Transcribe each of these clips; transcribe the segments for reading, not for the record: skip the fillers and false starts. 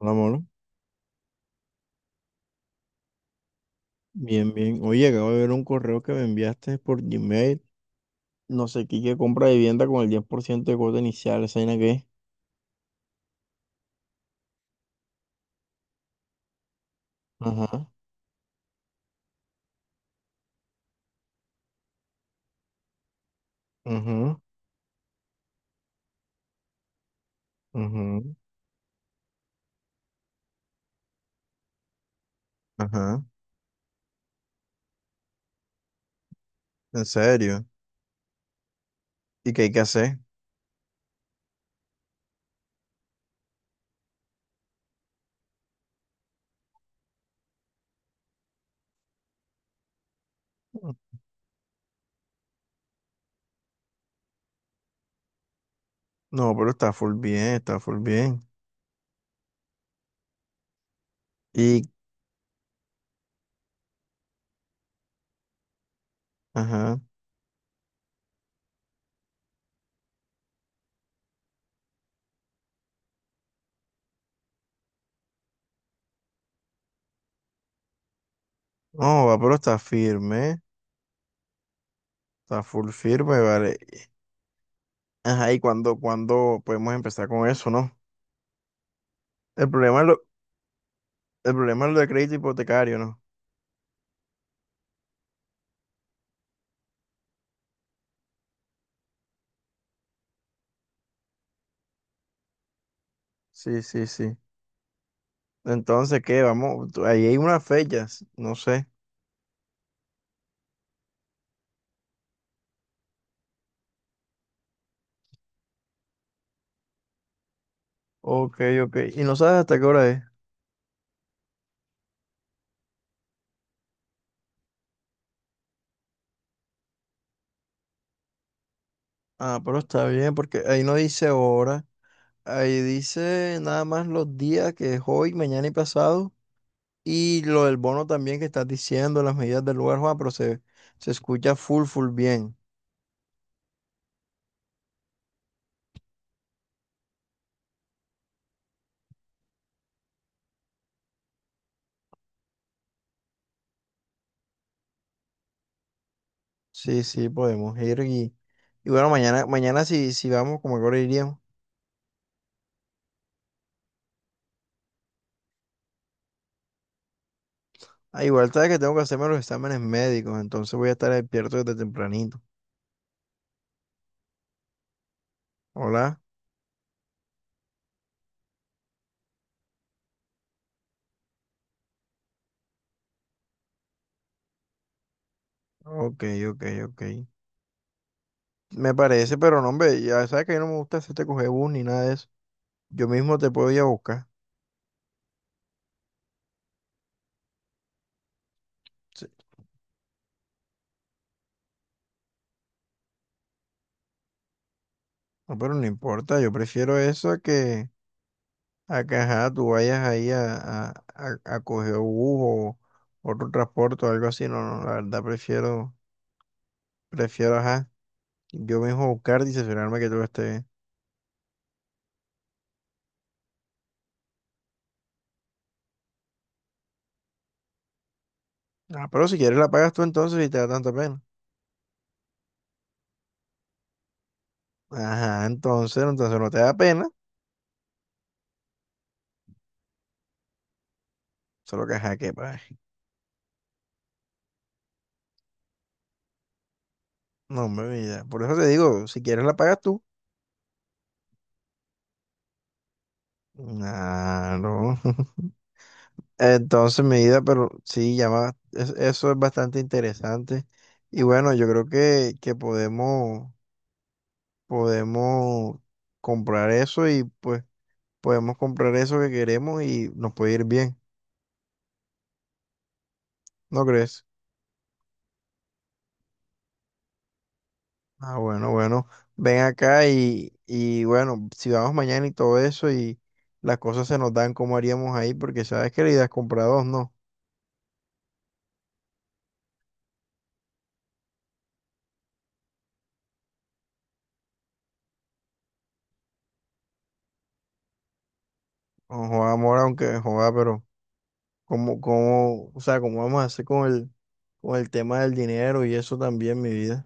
Hola, amor. Bien, bien. Oye, acabo de ver un correo que me enviaste por Gmail. No sé qué, que compra vivienda con el 10% de cuota inicial. ¿Esa vaina qué? Ajá, ajá, ajá, ajá. ¿En serio? ¿Y qué hay que hacer? No, pero está full bien, está full bien. Y, ajá. No, va, pero está firme. Está full firme, vale. Ajá, ¿y cuándo podemos empezar con eso, no? El problema es lo, el problema es lo de crédito hipotecario, ¿no? Sí, sí, sí. Entonces, ¿qué? Vamos, tú- ahí hay unas fechas, no sé. Ok, ok. ¿Y no sabes hasta qué hora es? Ah, pero está bien, porque ahí no dice hora, ahí dice nada más los días que es hoy, mañana y pasado, y lo del bono también que estás diciendo, las medidas del lugar, Juan, pero se escucha full, full bien. Sí, sí, podemos ir y bueno, mañana si, si vamos, como que ahora iríamos. Ah, igual sabes que tengo que hacerme los exámenes médicos, entonces voy a estar despierto desde tempranito. Hola. Ok, ok, ok. Me parece, pero no, hombre, ya sabes que a mí no me gusta hacerte coger bus ni nada de eso. Yo mismo te puedo ir a buscar. Sí. No, pero no importa, yo prefiero eso a que, ajá, tú vayas ahí a coger bus o otro transporte o algo así. No, no, la verdad prefiero, prefiero, ajá, yo mismo buscar y cerciorarme que todo esté bien. Ah, pero si quieres la pagas tú entonces y te da tanta pena. Ajá, entonces, entonces no te da pena, solo que ajá, que pagas. No, hombre, mira Por eso te digo, si quieres la pagas tú. Claro. Entonces, medida, pero sí, llama, es- eso es bastante interesante. Y bueno, yo creo que podemos, podemos comprar eso y pues podemos comprar eso que queremos y nos puede ir bien, ¿no crees? Ah, bueno, bueno, ven acá y bueno, si vamos mañana y todo eso y las cosas se nos dan, ¿cómo haríamos ahí? Porque sabes que la idea es comprar dos, ¿no? No joda, amor, aunque joda, pero... ¿o sea, cómo vamos a hacer con el tema del dinero y eso también, mi vida?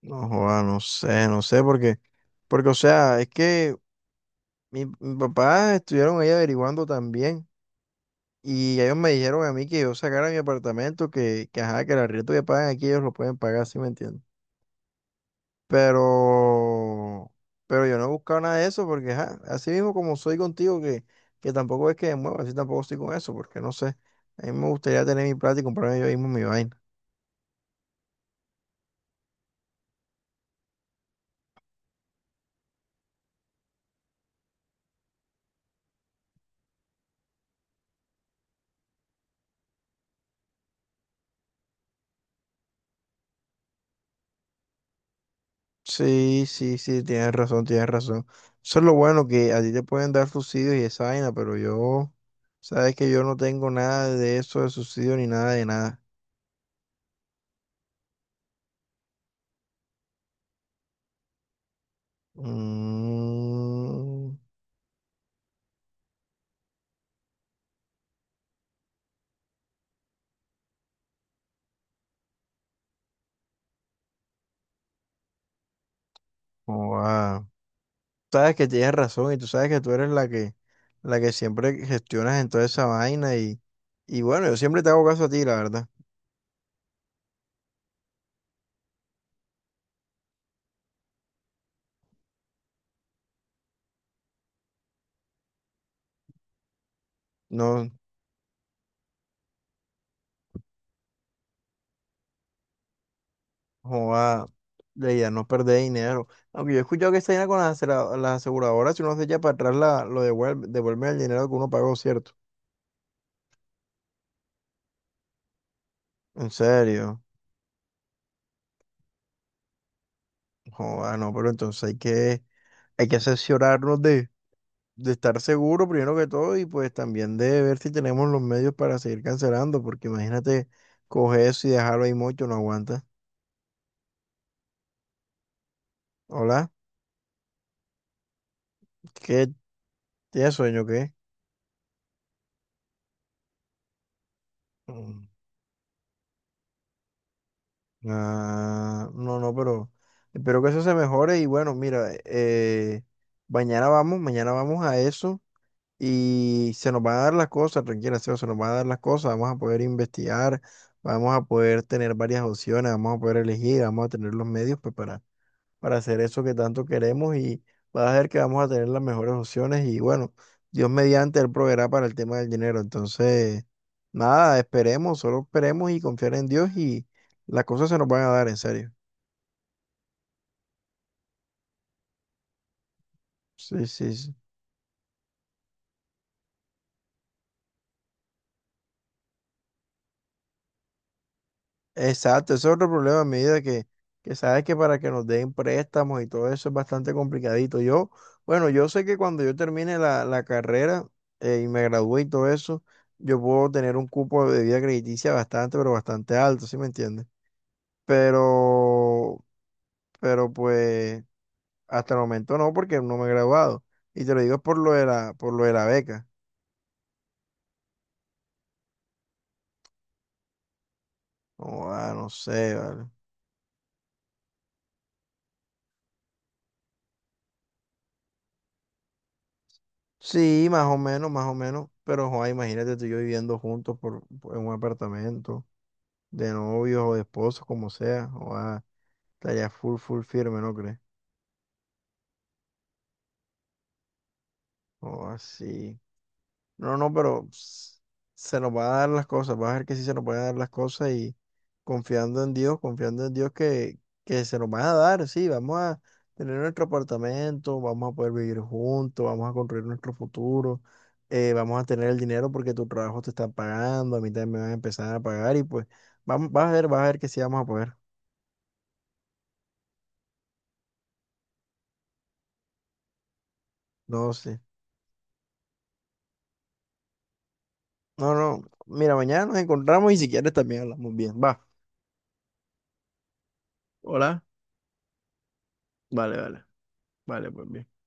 No, joda, no sé, no sé, porque, porque, o sea, es que mi papá estuvieron ahí averiguando también y ellos me dijeron a mí que yo sacara mi apartamento, que ajá, que el arriendo que pagan aquí ellos lo pueden pagar, ¿sí me entiendes? Pero, pero yo no he buscado nada de eso porque, ajá, así mismo como soy contigo, que tampoco es que me mueva, así tampoco estoy con eso, porque no sé, a mí me gustaría tener mi plata y comprarme yo mismo mi vaina. Sí, sí, sí, tienes razón, tienes razón. Eso es lo bueno que a ti te pueden dar subsidios y esa vaina, pero yo, sabes que yo no tengo nada de eso de subsidio ni nada de nada. Mm, joda. Sabes que tienes razón y tú sabes que tú eres la que siempre gestionas en toda esa vaina y bueno, yo siempre te hago caso a ti, la verdad. No, Joda, la idea es no perder dinero. Aunque yo he escuchado que esta vaina con las, asegura- las aseguradoras, si uno se echa para atrás, lo devuelve, devuelve el dinero que uno pagó, ¿cierto? En serio. Joda, no, pero entonces hay que asesorarnos de estar seguro primero que todo y pues también de ver si tenemos los medios para seguir cancelando, porque imagínate coger eso y dejarlo ahí mucho, no aguanta. Hola, ¿qué? ¿Tienes sueño o qué? Mm. Ah, no, no, pero espero que eso se mejore y bueno, mira, mañana vamos a eso y se nos van a dar las cosas, tranquila, Seba, se nos van a dar las cosas, vamos a poder investigar, vamos a poder tener varias opciones, vamos a poder elegir, vamos a tener los medios pues, para hacer eso que tanto queremos y vas a ver que vamos a tener las mejores opciones y bueno, Dios mediante, Él proveerá para el tema del dinero. Entonces, nada, esperemos, solo esperemos y confiar en Dios y las cosas se nos van a dar, en serio. Sí, sí, sí. Exacto, ese es otro problema a medida que sabes que para que nos den préstamos y todo eso es bastante complicadito. Yo, bueno, yo sé que cuando yo termine la carrera y me gradúe y todo eso, yo puedo tener un cupo de debida crediticia bastante, pero bastante alto, ¿sí me entiendes? Pero, pero pues hasta el momento no, porque no me he graduado. Y te lo digo es por lo de la, por lo de la beca. Oh, ah, no sé, vale. Sí, más o menos, más o menos. Pero, joa, imagínate tú y yo viviendo juntos en un apartamento, de novios o de esposos, como sea. Joa, estaría full, full firme, ¿no crees? O así. No, no, pero s- se nos van a dar las cosas. Vas a ver que sí se nos van a dar las cosas y confiando en Dios que se nos van a dar. Sí, vamos a tener nuestro apartamento, vamos a poder vivir juntos, vamos a construir nuestro futuro, vamos a tener el dinero porque tu trabajo te está pagando, a mí también me van a empezar a pagar y pues vamos, vas a ver que sí vamos a poder. No, sí. No, no. Mira, mañana nos encontramos y si quieres también hablamos bien. Va. Hola. Vale, vale. Vale, pues bien.